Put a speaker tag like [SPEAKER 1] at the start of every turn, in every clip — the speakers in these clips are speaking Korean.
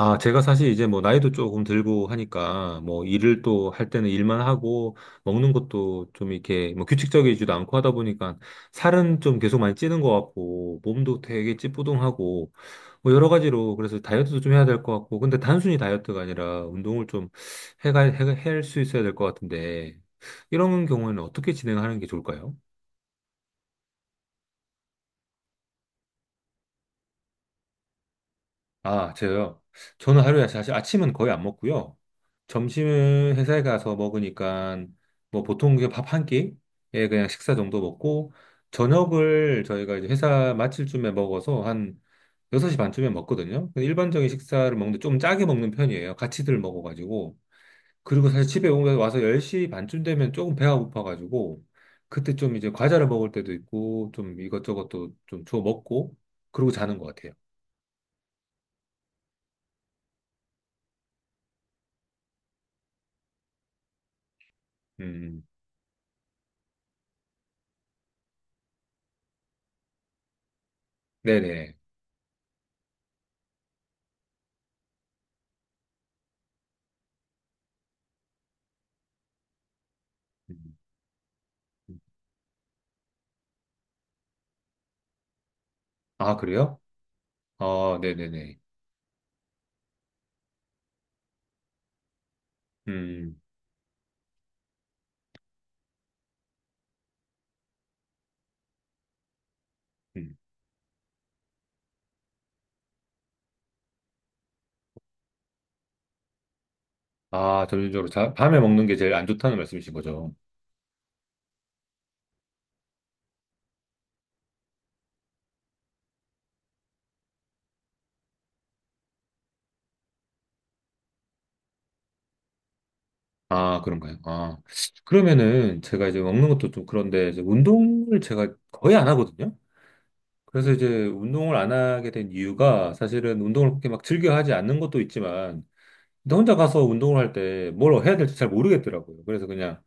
[SPEAKER 1] 아, 제가 사실 이제 뭐 나이도 조금 들고 하니까 뭐 일을 또 할 때는 일만 하고 먹는 것도 좀 이렇게 뭐 규칙적이지도 않고 하다 보니까 살은 좀 계속 많이 찌는 것 같고 몸도 되게 찌뿌둥하고 뭐 여러 가지로 그래서 다이어트도 좀 해야 될 것 같고 근데 단순히 다이어트가 아니라 운동을 좀 해가 할 수 있어야 될 것 같은데 이런 경우에는 어떻게 진행하는 게 좋을까요? 아, 제가요. 저는 하루에 사실 아침은 거의 안 먹고요. 점심은 회사에 가서 먹으니까 뭐 보통 그냥 밥 한 끼에 그냥 식사 정도 먹고 저녁을 저희가 이제 회사 마칠쯤에 먹어서 한 6시 반쯤에 먹거든요. 근데 일반적인 식사를 먹는데 좀 짜게 먹는 편이에요. 같이들 먹어가지고. 그리고 사실 집에 와서 10시 반쯤 되면 조금 배가 고파가지고 그때 좀 이제 과자를 먹을 때도 있고 좀 이것저것 또 좀 주워 먹고 그러고 자는 것 같아요. 음, 음. 네네. 음, 음. 아, 그래요? 아, 네네네. 음, 음. 아, 전체적으로 자, 밤에 먹는 게 제일 안 좋다는 말씀이신 거죠? 아, 그런가요? 아, 그러면은 제가 이제 먹는 것도 좀 그런데 이제 운동을 제가 거의 안 하거든요? 그래서 이제 운동을 안 하게 된 이유가 사실은 운동을 그렇게 막 즐겨 하지 않는 것도 있지만, 근데 혼자 가서 운동을 할 때 뭘 해야 될지 잘 모르겠더라고요. 그래서 그냥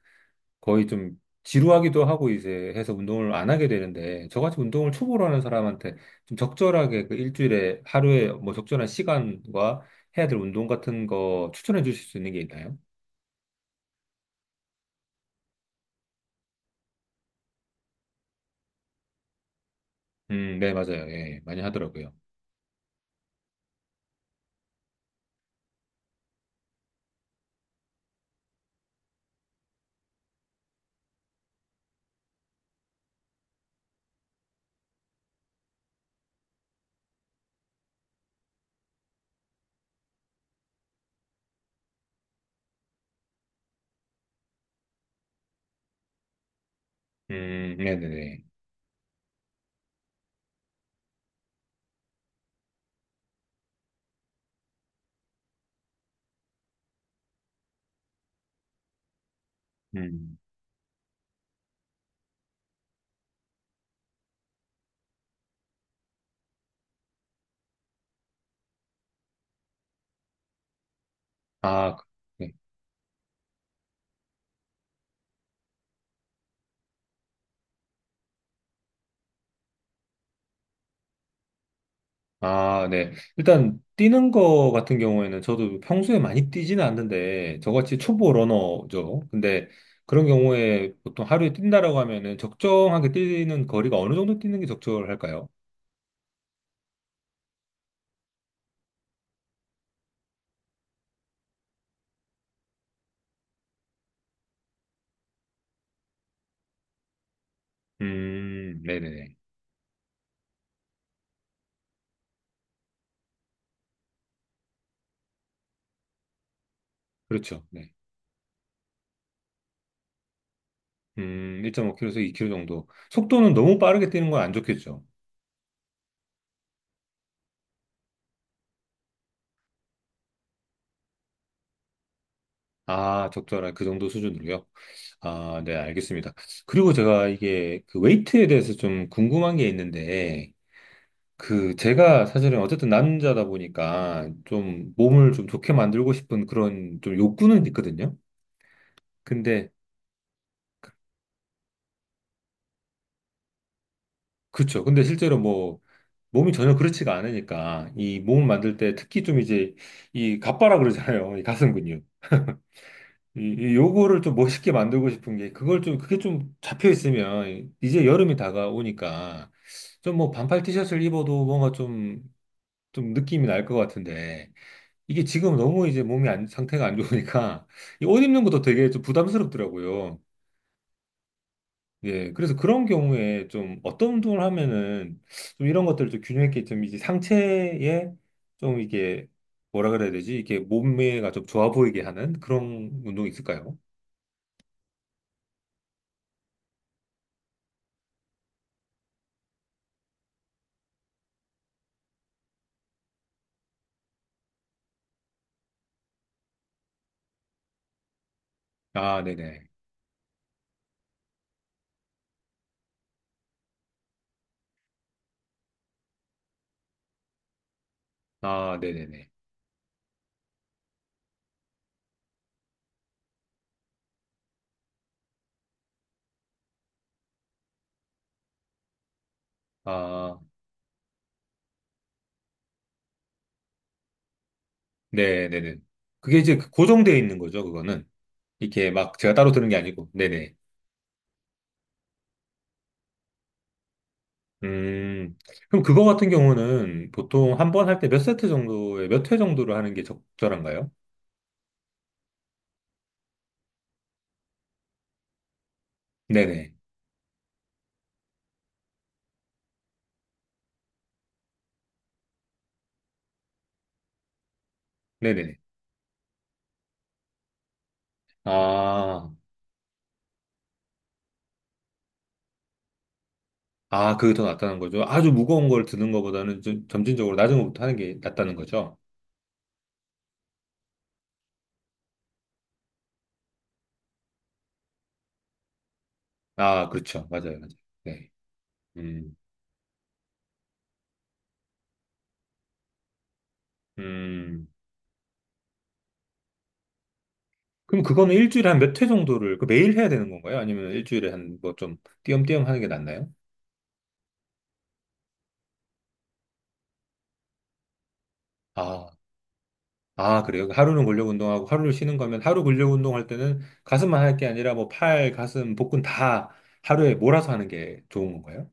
[SPEAKER 1] 거의 좀 지루하기도 하고 이제 해서 운동을 안 하게 되는데 저같이 운동을 초보로 하는 사람한테 좀 적절하게 그 일주일에 하루에 뭐 적절한 시간과 해야 될 운동 같은 거 추천해 주실 수 있는 게 있나요? 네, 맞아요. 예, 많이 하더라고요. 네네네. 음, 아, 네. 아, 네. 일단 뛰는 거 같은 경우에는 저도 평소에 많이 뛰지는 않는데 저같이 초보 러너죠. 근데 그런 경우에 보통 하루에 뛴다라고 하면은 적정하게 뛰는 거리가 어느 정도 뛰는 게 적절할까요? 네네네. 그렇죠. 네. 1.5km에서 2km 정도. 속도는 너무 빠르게 뛰는 건 안 좋겠죠. 아, 적절한 그 정도 수준으로요. 아, 네, 알겠습니다. 그리고 제가 이게 그 웨이트에 대해서 좀 궁금한 게 있는데 그 제가 사실은 어쨌든 남자다 보니까 좀 몸을 좀 좋게 만들고 싶은 그런 좀 욕구는 있거든요. 근데 그렇죠. 근데 실제로 뭐 몸이 전혀 그렇지가 않으니까 이 몸을 만들 때 특히 좀 이제 이 갑바라 그러잖아요. 이 가슴 근육. 이 요거를 좀 멋있게 만들고 싶은 게 그걸 좀 그게 좀 잡혀 있으면 이제 여름이 다가오니까 좀 뭐 반팔 티셔츠를 입어도 뭔가 좀 느낌이 날 것 같은데 이게 지금 너무 이제 몸이 안, 상태가 안 좋으니까 이 옷 입는 것도 되게 좀 부담스럽더라고요. 예, 그래서 그런 경우에 좀 어떤 운동을 하면은 좀 이런 것들을 좀 균형 있게 좀 이제 상체에 좀 이게 뭐라 그래야 되지? 이게 몸매가 좀 좋아 보이게 하는 그런 운동이 있을까요? 아, 네네. 아, 네네네. 아, 네네네. 그게 이제 그 고정되어 있는 거죠, 그거는. 이렇게 막 제가 따로 드는 게 아니고. 네네. 음, 그럼 그거 같은 경우는 보통 한 번 할 때 몇 세트 정도에 몇 회 정도를 하는 게 적절한가요? 네네. 네네. 아, 아, 그게 더 낫다는 거죠. 아주 무거운 걸 드는 것보다는 좀 점진적으로 낮은 것부터 하는 게 낫다는 거죠. 아, 그렇죠. 맞아요. 맞아요. 네. 음, 음. 그럼 그거는 일주일에 한 몇 회 정도를, 그 매일 해야 되는 건가요? 아니면 일주일에 한 뭐 좀 띄엄띄엄 하는 게 낫나요? 아, 아, 그래요? 그 하루는 근력 운동하고 하루를 쉬는 거면 하루 근력 운동할 때는 가슴만 할 게 아니라 뭐 팔, 가슴, 복근 다 하루에 몰아서 하는 게 좋은 건가요?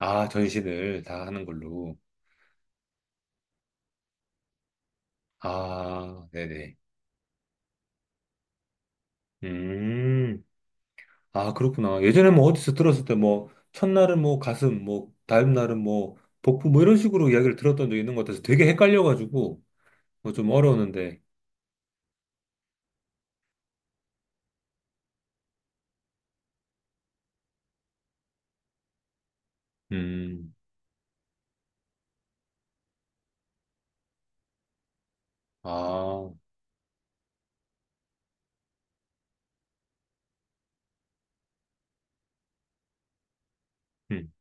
[SPEAKER 1] 아, 전신을 다 하는 걸로. 아, 네네. 음, 아, 그렇구나. 예전에 뭐 어디서 들었을 때 뭐 첫날은 뭐 가슴, 뭐 다음 날은 뭐 복부 뭐 이런 식으로 이야기를 들었던 적이 있는 것 같아서 되게 헷갈려가지고 뭐 좀 어려웠는데. 음, 아, 음,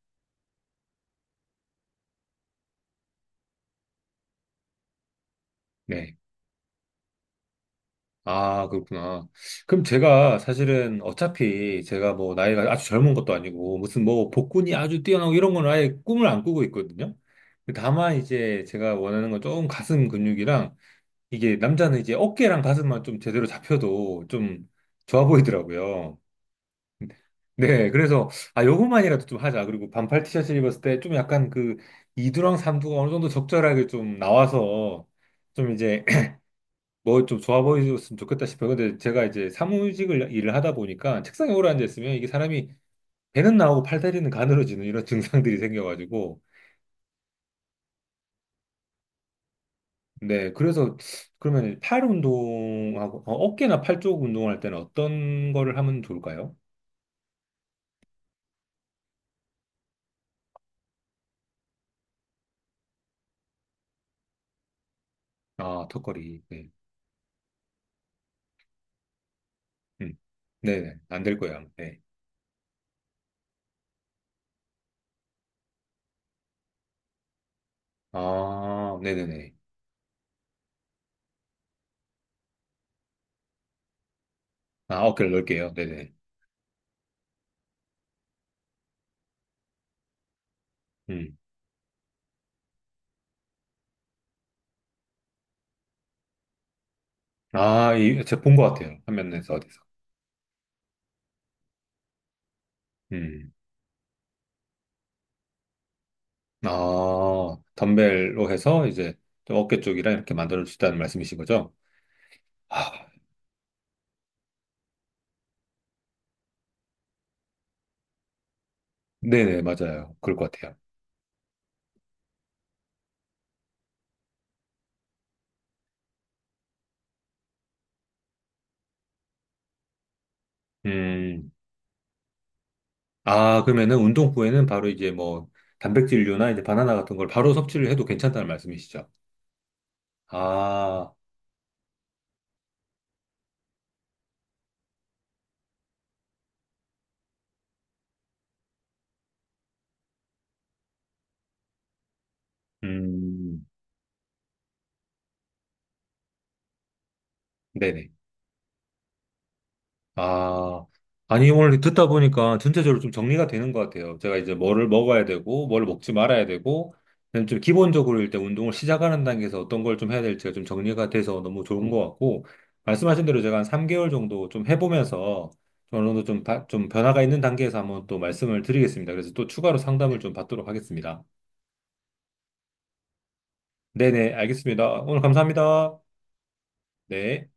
[SPEAKER 1] 네. 아, 그렇구나. 그럼 제가 사실은 어차피 제가 뭐 나이가 아주 젊은 것도 아니고 무슨 뭐 복근이 아주 뛰어나고 이런 건 아예 꿈을 안 꾸고 있거든요. 다만 이제 제가 원하는 건 좀 가슴 근육이랑 이게 남자는 이제 어깨랑 가슴만 좀 제대로 잡혀도 좀 좋아 보이더라고요. 네, 그래서 아 요것만이라도 좀 하자. 그리고 반팔 티셔츠 입었을 때 좀 약간 그 이두랑 삼두가 어느 정도 적절하게 좀 나와서 좀 이제 뭐 좀 좋아 보였으면 좋겠다 싶어요. 근데 제가 이제 사무직을 일을 하다 보니까 책상에 오래 앉아있으면 이게 사람이 배는 나오고 팔 다리는 가늘어지는 이런 증상들이 생겨가지고. 네, 그래서 그러면 팔 운동하고 어깨나 팔 쪽 운동할 때는 어떤 거를 하면 좋을까요? 아, 턱걸이. 네. 음. 네네. 안 될 거예요. 아마. 네. 아, 네네네. 아, 어깨를 넓게요. 네네. 음. 아, 이, 제가 본 것 같아요. 화면에서 어디서. 음. 아, 덤벨로 해서 이제 좀 어깨 쪽이랑 이렇게 만들어 주시다는 말씀이신 거죠? 아, 네네, 맞아요. 그럴 것 같아요. 음, 아, 그러면은 운동 후에는 바로 이제 뭐 단백질류나 이제 바나나 같은 걸 바로 섭취를 해도 괜찮다는 말씀이시죠? 아, 음, 네네. 아, 아니, 오늘 듣다 보니까 전체적으로 좀 정리가 되는 것 같아요. 제가 이제 뭐를 먹어야 되고, 뭘 먹지 말아야 되고, 그다음에 좀 기본적으로 일단 운동을 시작하는 단계에서 어떤 걸 좀 해야 될지가 좀 정리가 돼서 너무 좋은 것 같고, 말씀하신 대로 제가 한 3개월 정도 좀 해보면서 좀 어느 정도 좀, 좀 변화가 있는 단계에서 한번 또 말씀을 드리겠습니다. 그래서 또 추가로 상담을 좀 받도록 하겠습니다. 네네, 알겠습니다. 오늘 감사합니다. 네.